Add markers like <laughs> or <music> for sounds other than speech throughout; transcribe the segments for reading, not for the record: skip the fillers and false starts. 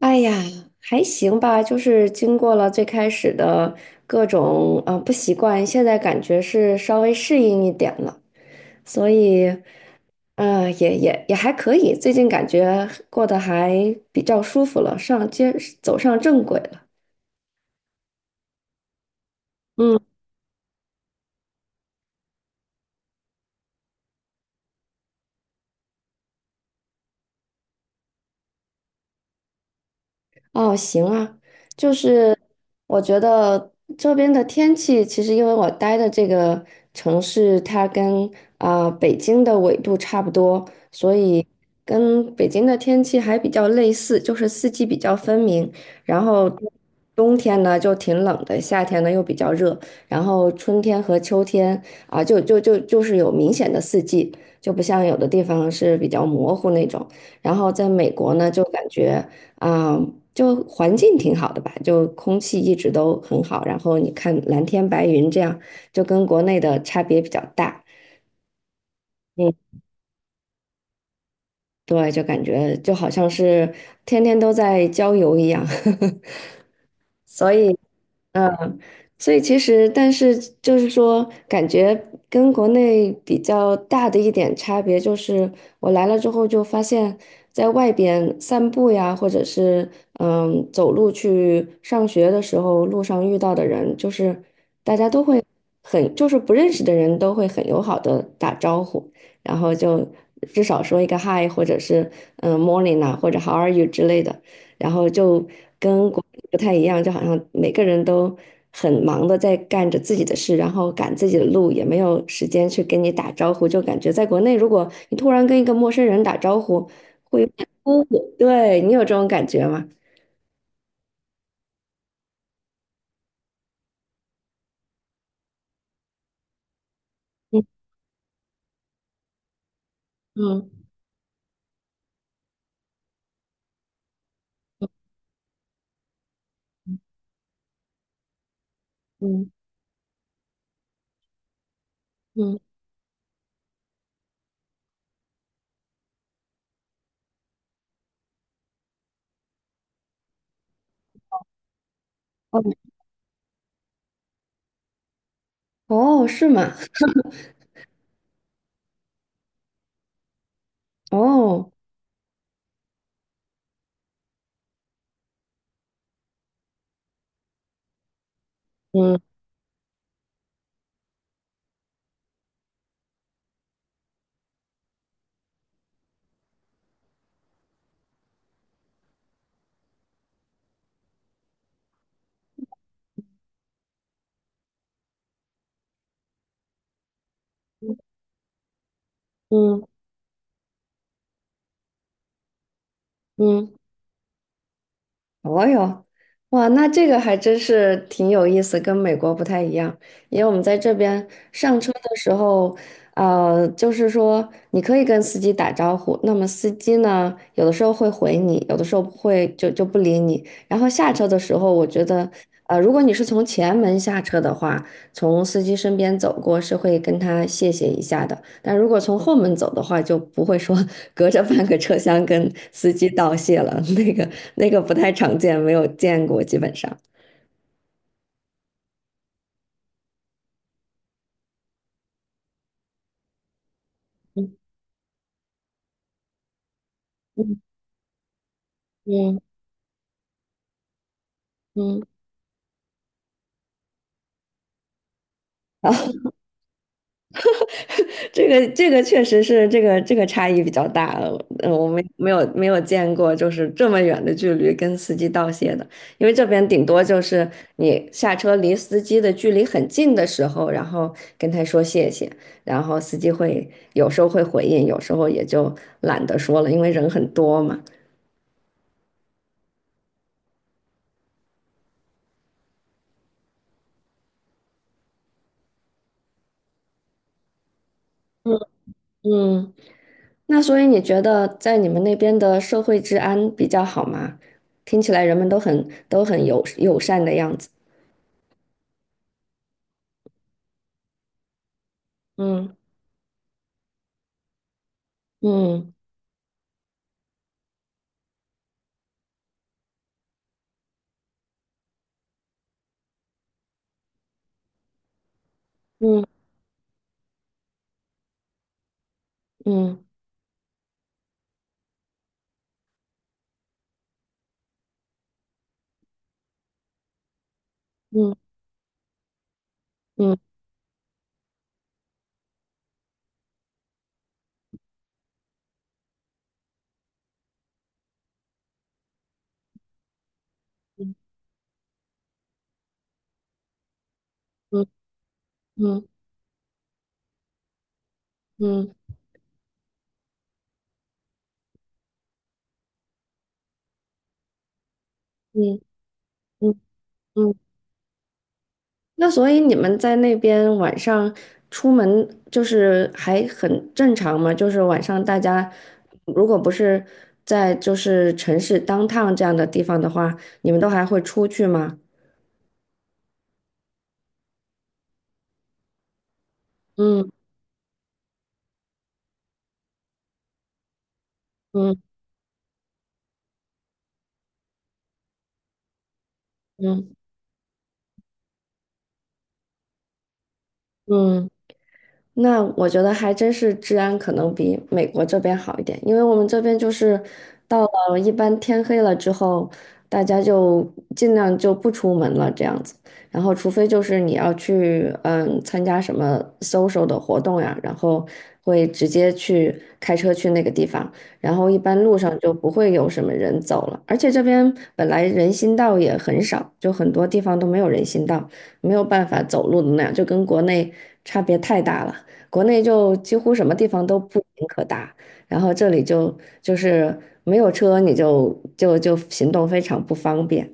哎呀，还行吧，就是经过了最开始的各种不习惯，现在感觉是稍微适应一点了，所以，也还可以，最近感觉过得还比较舒服了，上街走上正轨了。嗯。哦，行啊，就是我觉得这边的天气，其实因为我待的这个城市，它跟北京的纬度差不多，所以跟北京的天气还比较类似，就是四季比较分明。然后冬天呢就挺冷的，夏天呢又比较热，然后春天和秋天就是有明显的四季，就不像有的地方是比较模糊那种。然后在美国呢，就感觉。啊、就环境挺好的吧，就空气一直都很好，然后你看蓝天白云这样，就跟国内的差别比较大。嗯，对，就感觉就好像是天天都在郊游一样。<laughs> 所以，嗯，所以其实，但是就是说，感觉跟国内比较大的一点差别就是，我来了之后就发现，在外边散步呀，或者是走路去上学的时候，路上遇到的人，就是就是不认识的人都会很友好的打招呼，然后就至少说一个 hi，或者是morning 啊，或者 how are you 之类的，然后就跟国内不太一样，就好像每个人都很忙的在干着自己的事，然后赶自己的路，也没有时间去跟你打招呼，就感觉在国内，如果你突然跟一个陌生人打招呼，姑对你有这种感觉吗？嗯嗯嗯嗯，哦哦，是吗？哦，嗯嗯嗯。哦哟，哇，那这个还真是挺有意思，跟美国不太一样。因为我们在这边上车的时候，就是说你可以跟司机打招呼，那么司机呢，有的时候会回你，有的时候不会就不理你。然后下车的时候，我觉得，如果你是从前门下车的话，从司机身边走过是会跟他谢谢一下的，但如果从后门走的话，就不会说 <laughs> 隔着半个车厢跟司机道谢了，<laughs> 那个不太常见，没有见过，基本上。嗯嗯嗯嗯，好，这个确实是这个差异比较大，我没有见过就是这么远的距离跟司机道谢的，因为这边顶多就是你下车离司机的距离很近的时候，然后跟他说谢谢，然后司机会有时候会回应，有时候也就懒得说了，因为人很多嘛。嗯嗯，那所以你觉得在你们那边的社会治安比较好吗？听起来人们都很友善的样子。嗯嗯。嗯嗯嗯嗯嗯嗯嗯嗯嗯嗯嗯。那所以你们在那边晚上出门就是还很正常吗？就是晚上大家如果不是在就是城市当 o 这样的地方的话，你们都还会出去吗？嗯嗯嗯嗯那我觉得还真是治安可能比美国这边好一点，因为我们这边就是到了一般天黑了之后，大家就尽量就不出门了这样子，然后除非就是你要去参加什么 social 的活动呀，然后会直接去开车去那个地方，然后一般路上就不会有什么人走了，而且这边本来人行道也很少，就很多地方都没有人行道，没有办法走路的那样，就跟国内差别太大了。国内就几乎什么地方都不行可达，然后这里就是没有车，你就行动非常不方便。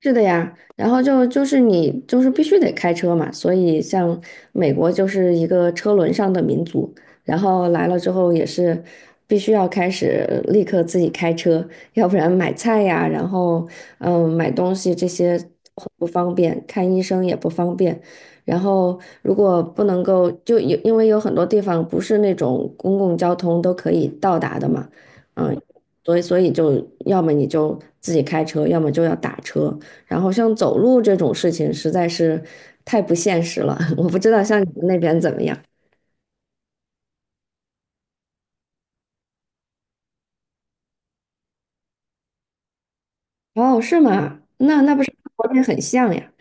是的呀，然后你就是必须得开车嘛，所以像美国就是一个车轮上的民族，然后来了之后也是必须要开始立刻自己开车，要不然买菜呀，然后买东西这些很不方便，看医生也不方便，然后如果不能够就有因为有很多地方不是那种公共交通都可以到达的嘛，嗯，所以就要么你就自己开车，要么就要打车。然后像走路这种事情实在是太不现实了，<laughs> 我不知道像你们那边怎么样。哦，是吗？那不是跟国内很像呀？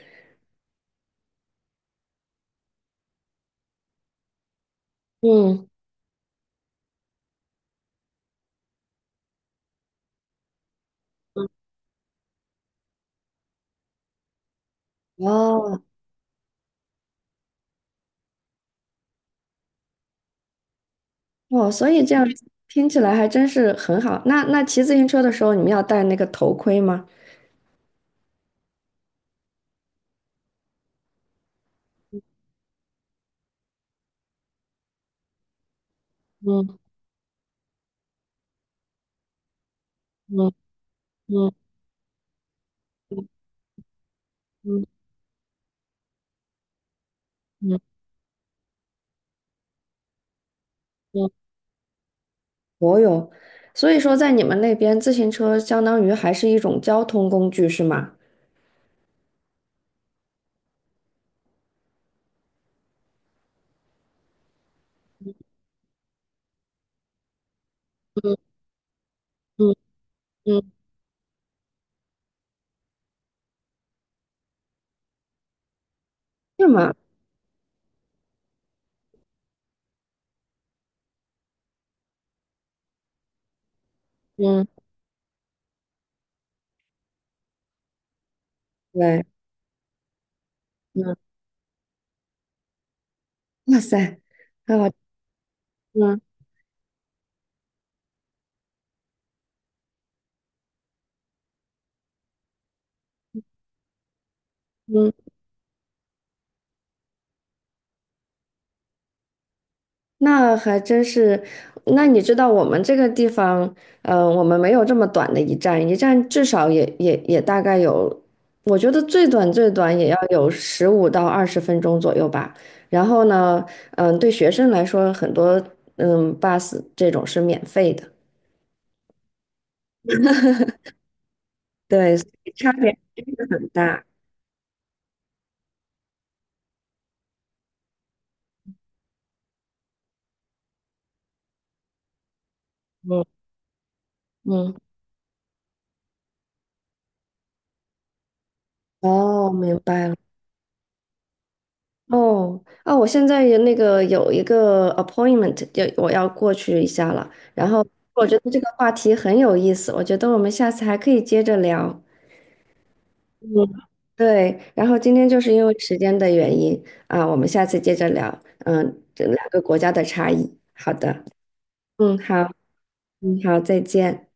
嗯，哦哦，所以这样听起来还真是很好。那骑自行车的时候，你们要戴那个头盔吗？嗯嗯嗯嗯嗯嗯，我有。所以说，在你们那边，自行车相当于还是一种交通工具，是吗？嗯嗯嗯，是吗？嗯，对，嗯，哇塞，啊，嗯嗯，那还真是。那你知道我们这个地方，我们没有这么短的一站，一站至少也大概有，我觉得最短最短也要有15到20分钟左右吧。然后呢，对学生来说，很多bus 这种是免费的，对，所以差别真的很大。嗯嗯，哦，明白了。哦，啊，我现在有一个 appointment，我要过去一下了。然后我觉得这个话题很有意思，我觉得我们下次还可以接着聊。嗯，对，然后今天就是因为时间的原因啊，我们下次接着聊。嗯，这两个国家的差异。好的，嗯，好，嗯，好，再见。